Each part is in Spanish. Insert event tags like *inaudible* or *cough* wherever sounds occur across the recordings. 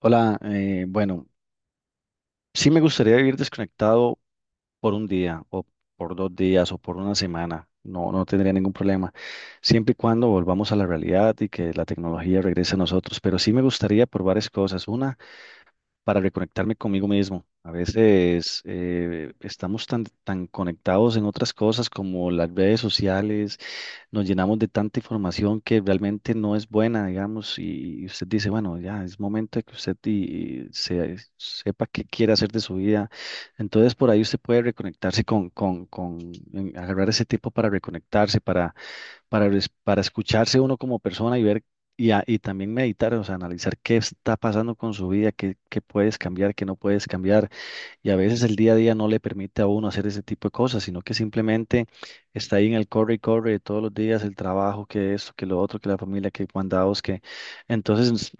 Hola, bueno, sí me gustaría vivir desconectado por un día o por dos días o por una semana. No tendría ningún problema, siempre y cuando volvamos a la realidad y que la tecnología regrese a nosotros. Pero sí me gustaría por varias cosas. Una, para reconectarme conmigo mismo. A veces estamos tan conectados en otras cosas como las redes sociales nos llenamos de tanta información que realmente no es buena, digamos, y usted dice, bueno, ya es momento de que usted y sepa qué quiere hacer de su vida. Entonces, por ahí usted puede reconectarse con agarrar ese tiempo para reconectarse, para, para escucharse uno como persona y ver. Y, y también meditar, o sea, analizar qué está pasando con su vida, qué puedes cambiar, qué no puedes cambiar y a veces el día a día no le permite a uno hacer ese tipo de cosas, sino que simplemente está ahí en el corre y corre de todos los días, el trabajo, que esto, que lo otro, que la familia, que mandados, que… Entonces,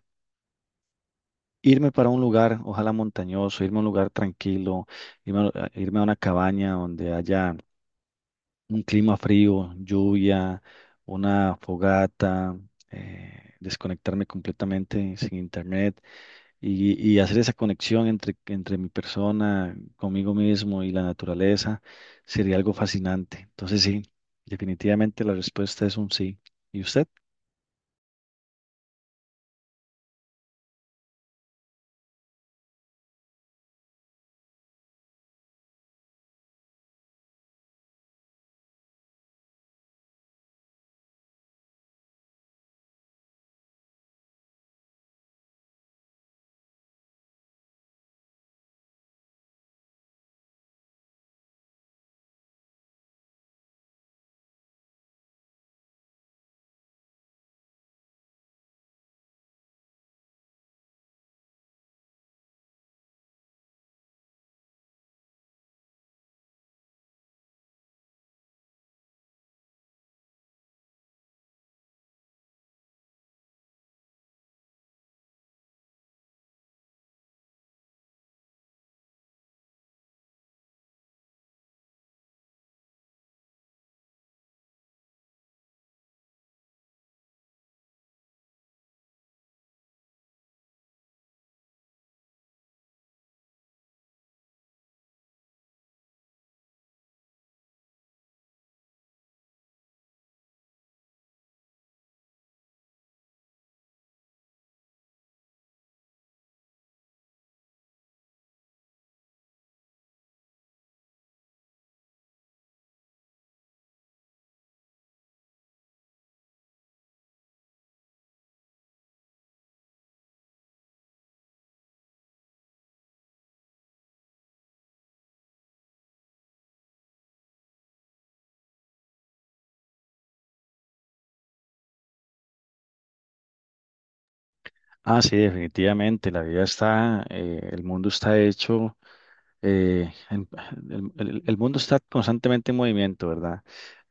irme para un lugar, ojalá montañoso, irme a un lugar tranquilo, irme a una cabaña donde haya un clima frío, lluvia, una fogata, desconectarme completamente sin internet y hacer esa conexión entre mi persona, conmigo mismo y la naturaleza sería algo fascinante. Entonces sí, definitivamente la respuesta es un sí. ¿Y usted? Ah, sí, definitivamente. El mundo está hecho. eh, en- el mundo está constantemente en movimiento, ¿verdad?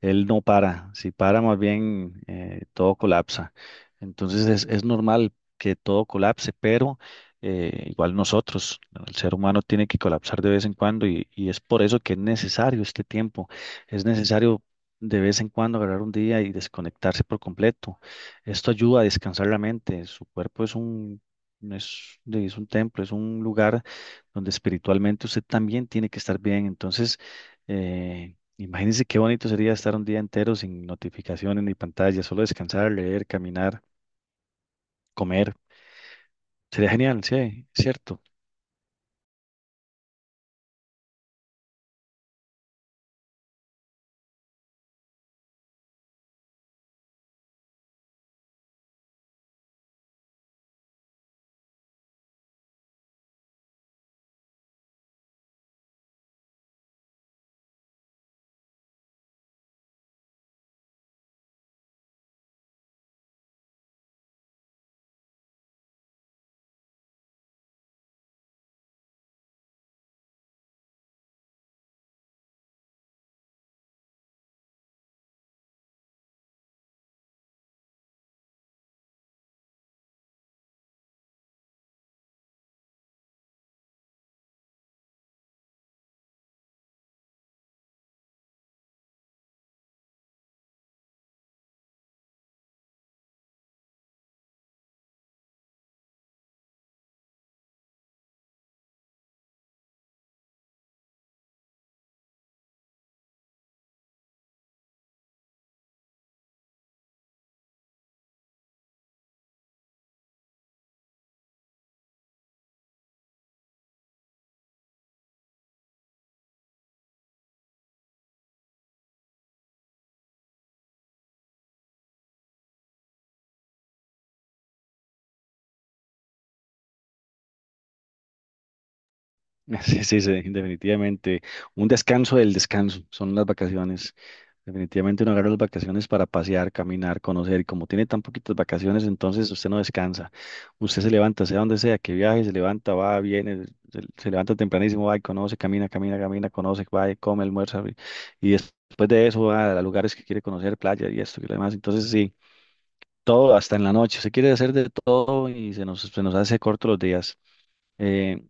Él no para, si para más bien todo colapsa. Entonces es normal que todo colapse, pero igual nosotros, el ser humano tiene que colapsar de vez en cuando y es por eso que es necesario este tiempo, es necesario de vez en cuando agarrar un día y desconectarse por completo. Esto ayuda a descansar la mente, su cuerpo es un, es un templo, es un lugar donde espiritualmente usted también tiene que estar bien. Entonces, imagínense qué bonito sería estar un día entero sin notificaciones ni pantallas, solo descansar, leer, caminar, comer. Sería genial, sí, cierto. *laughs* Sí, definitivamente. Un descanso del descanso, son las vacaciones. Definitivamente uno agarra las vacaciones para pasear, caminar, conocer. Y como tiene tan poquitas vacaciones, entonces usted no descansa. Usted se levanta, sea donde sea, que viaje, se levanta, va, viene, se levanta tempranísimo, va y conoce, camina, conoce, va y come, almuerza. Y, después de eso va a lugares que quiere conocer, playa y esto y lo demás. Entonces sí, todo hasta en la noche. Se quiere hacer de todo y se nos hace corto los días. Eh,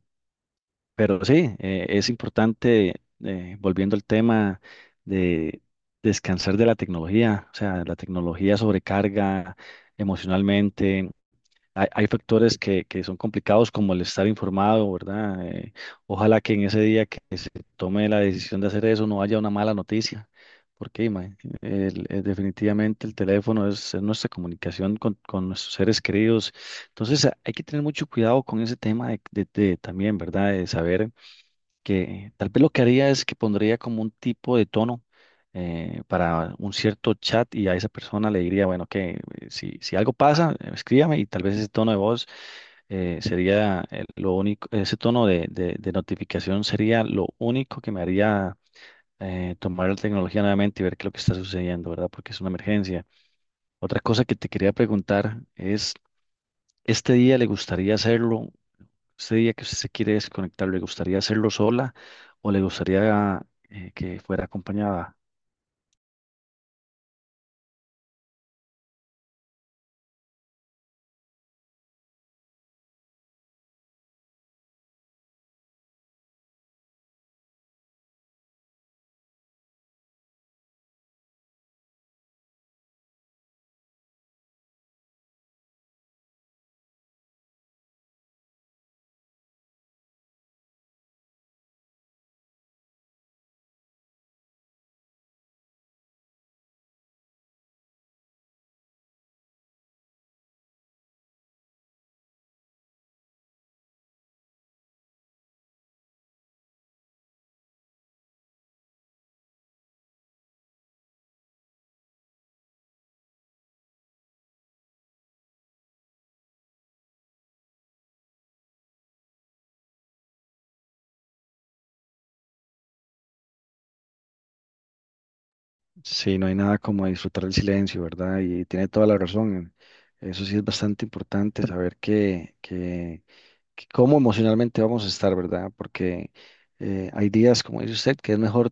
pero sí, es importante, volviendo al tema de descansar de la tecnología, o sea, la tecnología sobrecarga emocionalmente. Hay factores que son complicados como el estar informado, ¿verdad? Ojalá que en ese día que se tome la decisión de hacer eso no haya una mala noticia, porque definitivamente el teléfono es nuestra comunicación con nuestros seres queridos. Entonces, hay que tener mucho cuidado con ese tema de también, ¿verdad? De saber que tal vez lo que haría es que pondría como un tipo de tono para un cierto chat y a esa persona le diría, bueno, que si algo pasa, escríbame y tal vez ese tono de voz sería lo único, ese tono de notificación sería lo único que me haría tomar la tecnología nuevamente y ver qué es lo que está sucediendo, ¿verdad? Porque es una emergencia. Otra cosa que te quería preguntar es, ¿este día le gustaría hacerlo? Usted diría que usted se quiere desconectar, ¿le gustaría hacerlo sola o le gustaría que fuera acompañada? Sí, no hay nada como disfrutar del silencio, ¿verdad? Y tiene toda la razón. Eso sí es bastante importante saber que cómo emocionalmente vamos a estar, ¿verdad? Porque hay días, como dice usted, que es mejor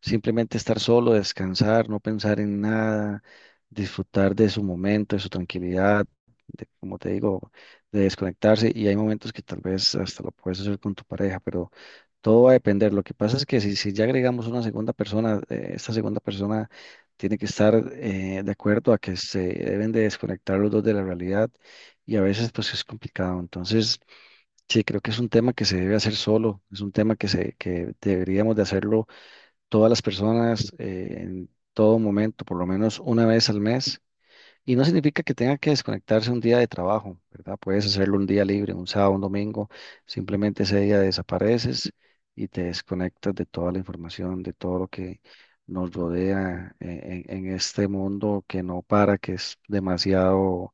simplemente estar solo, descansar, no pensar en nada, disfrutar de su momento, de su tranquilidad, de, como te digo, de desconectarse. Y hay momentos que tal vez hasta lo puedes hacer con tu pareja, pero todo va a depender. Lo que pasa es que si ya agregamos una segunda persona, esta segunda persona tiene que estar de acuerdo a que se deben de desconectar los dos de la realidad y a veces pues es complicado. Entonces, sí, creo que es un tema que se debe hacer solo, es un tema que deberíamos de hacerlo todas las personas en todo momento, por lo menos una vez al mes. Y no significa que tenga que desconectarse un día de trabajo, ¿verdad? Puedes hacerlo un día libre, un sábado, un domingo. Simplemente ese día desapareces y te desconectas de toda la información, de todo lo que nos rodea en este mundo que no para, que es demasiado,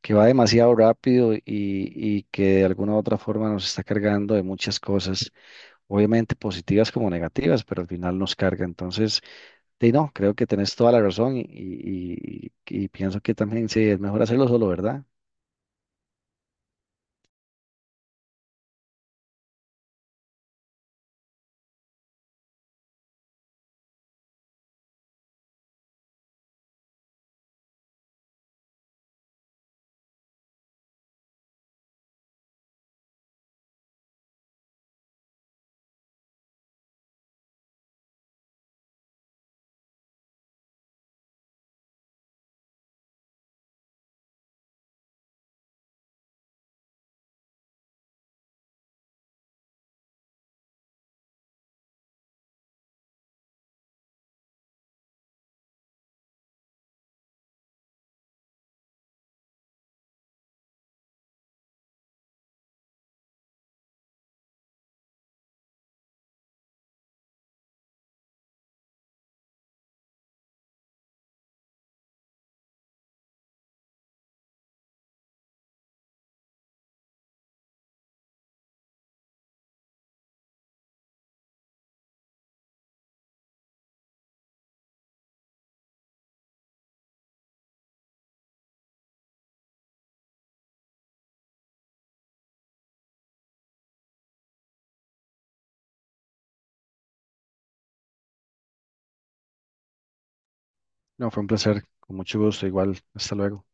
que va demasiado rápido y- que de alguna u otra forma nos está cargando de muchas cosas obviamente positivas como negativas, pero al final nos carga. Entonces, sí, no, creo que tenés toda la razón y pienso que también sí, es mejor hacerlo solo, ¿verdad? No, fue un placer, con mucho gusto, igual, hasta luego.